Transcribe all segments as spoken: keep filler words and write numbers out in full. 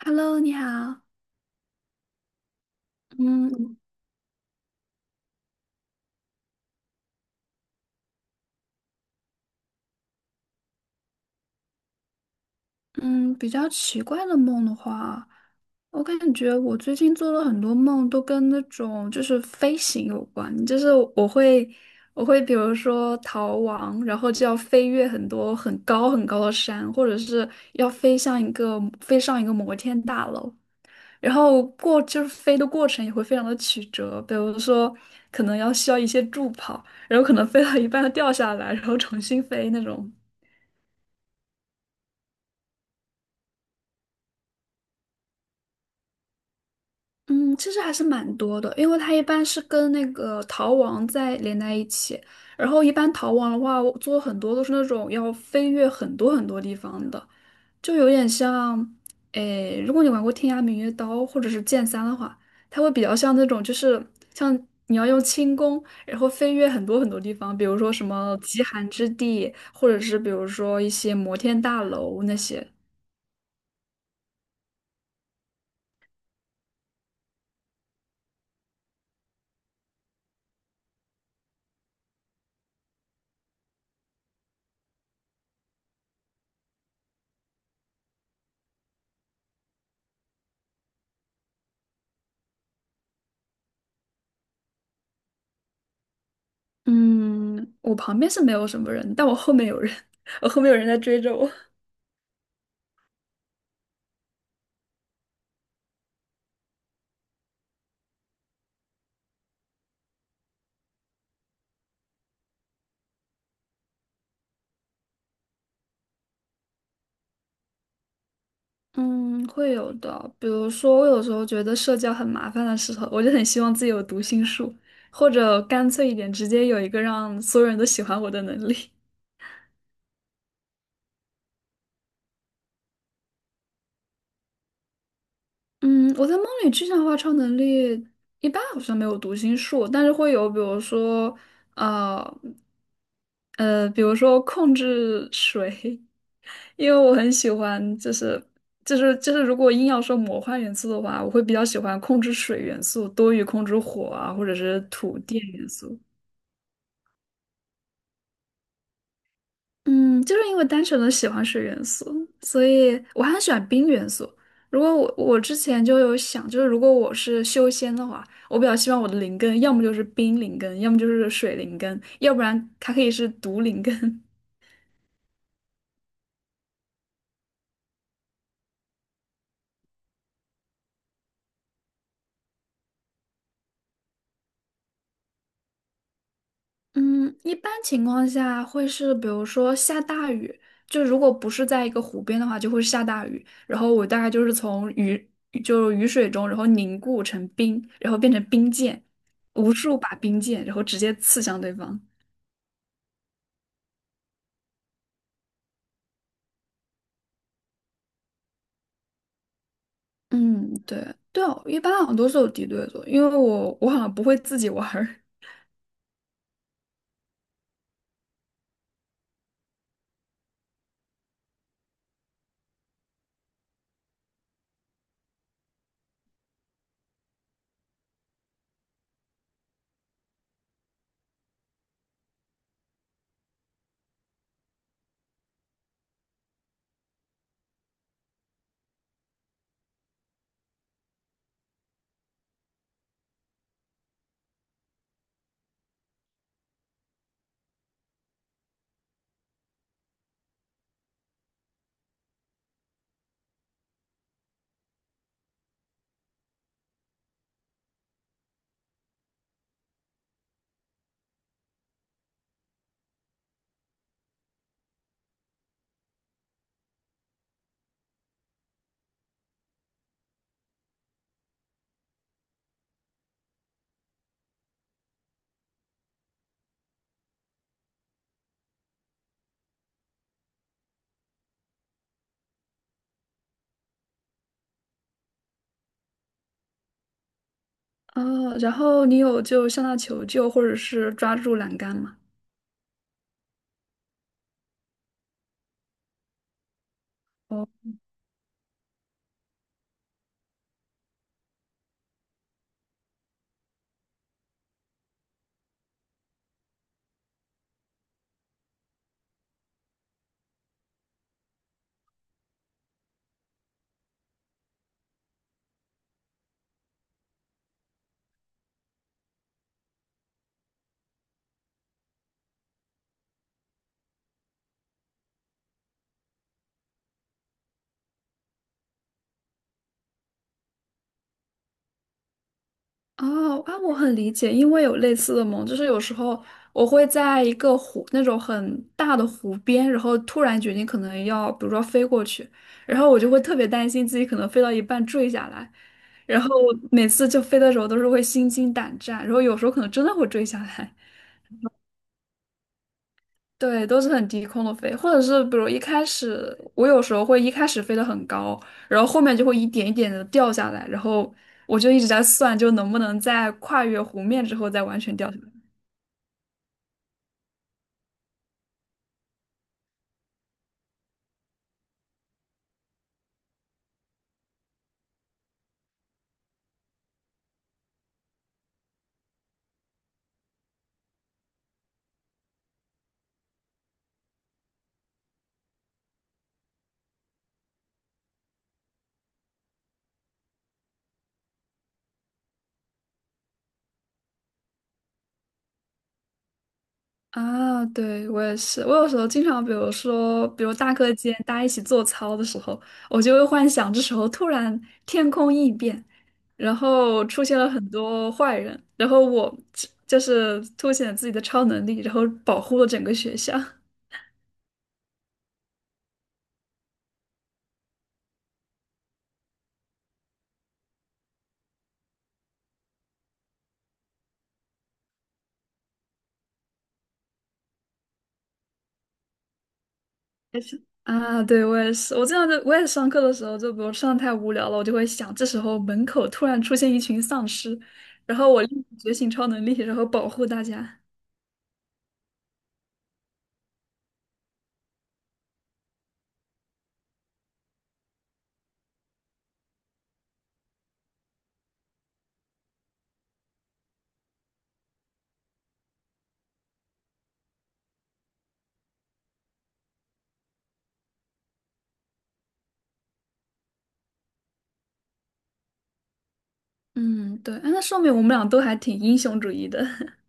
Hello，你好。嗯嗯嗯，比较奇怪的梦的话，我感觉我最近做了很多梦，都跟那种就是飞行有关。就是我会我会比如说逃亡，然后就要飞越很多很高很高的山，或者是要飞向一个飞上一个摩天大楼。然后过就是飞的过程也会非常的曲折，比如说可能要需要一些助跑，然后可能飞到一半掉下来，然后重新飞那种。嗯，其实还是蛮多的，因为它一般是跟那个逃亡在连在一起，然后一般逃亡的话，我做很多都是那种要飞越很多很多地方的，就有点像，诶，如果你玩过《天涯明月刀》或者是《剑三》的话，它会比较像那种，就是像你要用轻功，然后飞越很多很多地方，比如说什么极寒之地，或者是比如说一些摩天大楼那些。嗯，我旁边是没有什么人，但我后面有人，我后面有人在追着我。嗯，会有的。比如说，我有时候觉得社交很麻烦的时候，我就很希望自己有读心术，或者干脆一点，直接有一个让所有人都喜欢我的能力。嗯，我在梦里具象化超能力一般好像没有读心术，但是会有，比如说，呃，呃，比如说控制水，因为我很喜欢，就是就是就是，如果硬要说魔幻元素的话，我会比较喜欢控制水元素多于控制火啊，或者是土电元素。嗯，就是因为单纯的喜欢水元素，所以我还很喜欢冰元素。如果我我之前就有想，就是如果我是修仙的话，我比较希望我的灵根要么就是冰灵根，要么就是水灵根，要不然它可以是毒灵根。嗯，一般情况下会是，比如说下大雨，就如果不是在一个湖边的话，就会下大雨。然后我大概就是从雨，就雨水中，然后凝固成冰，然后变成冰箭，无数把冰箭，然后直接刺向对方。嗯，对，对哦，一般好像都是有敌对组，因为我我好像不会自己玩儿。哦，然后你有就向他求救，或者是抓住栏杆吗？哦啊，我很理解，因为有类似的梦，就是有时候我会在一个湖那种很大的湖边，然后突然决定可能要，比如说飞过去，然后我就会特别担心自己可能飞到一半坠下来，然后每次就飞的时候都是会心惊胆战，然后有时候可能真的会坠下来。对，都是很低空的飞，或者是比如一开始我有时候会一开始飞得很高，然后后面就会一点一点的掉下来，然后我就一直在算，就能不能在跨越湖面之后再完全掉下。啊，对，我也是。我有时候经常，比如说，比如大课间大家一起做操的时候，我就会幻想这时候突然天空异变，然后出现了很多坏人，然后我就是凸显自己的超能力，然后保护了整个学校。也是 啊，对，我也是。我经常就我也上课的时候，就比如上得太无聊了，我就会想，这时候门口突然出现一群丧尸，然后我立马觉醒超能力，然后保护大家。嗯，对，哎，那说明我们俩都还挺英雄主义的。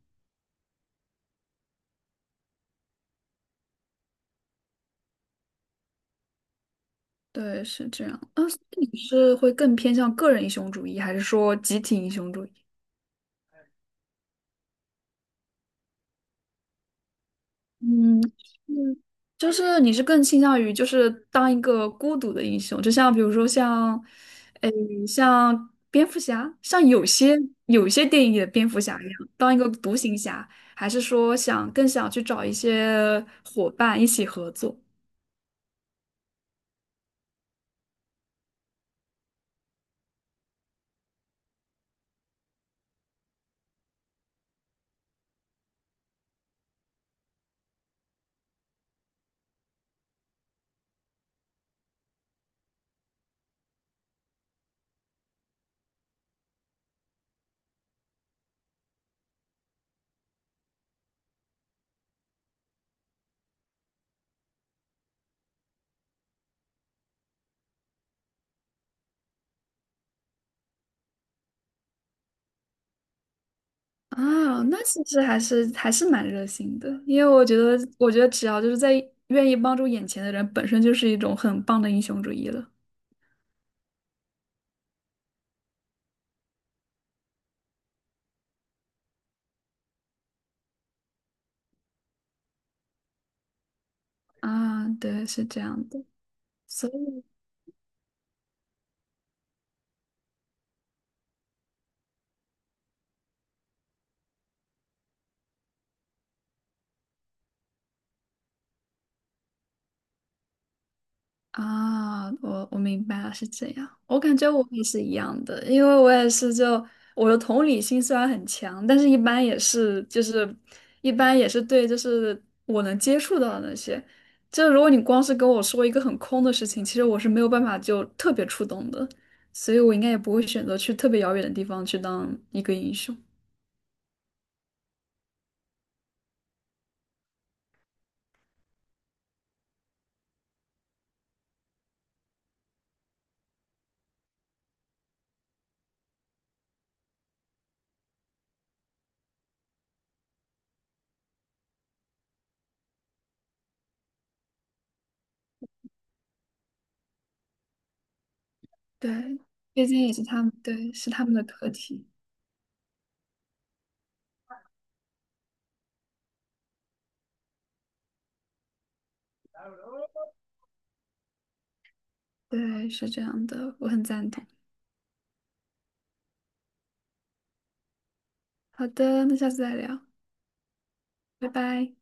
对，是这样。啊，所以你是会更偏向个人英雄主义，还是说集体英雄主义？嗯，嗯就是你是更倾向于就是当一个孤独的英雄，就像比如说像，嗯像蝙蝠侠，像有些有些电影里的蝙蝠侠一样，当一个独行侠，还是说想更想去找一些伙伴一起合作？啊，那其实还是还是蛮热心的，因为我觉得，我觉得只要就是在愿意帮助眼前的人，本身就是一种很棒的英雄主义了。啊，对，是这样的，所以。啊，我我明白了，是这样。我感觉我也是一样的，因为我也是就我的同理心虽然很强，但是一般也是就是一般也是对就是我能接触到的那些，就如果你光是跟我说一个很空的事情，其实我是没有办法就特别触动的，所以我应该也不会选择去特别遥远的地方去当一个英雄。对，毕竟也是他们，对，是他们的课题。对，是这样的，我很赞同。好的，那下次再聊，拜拜。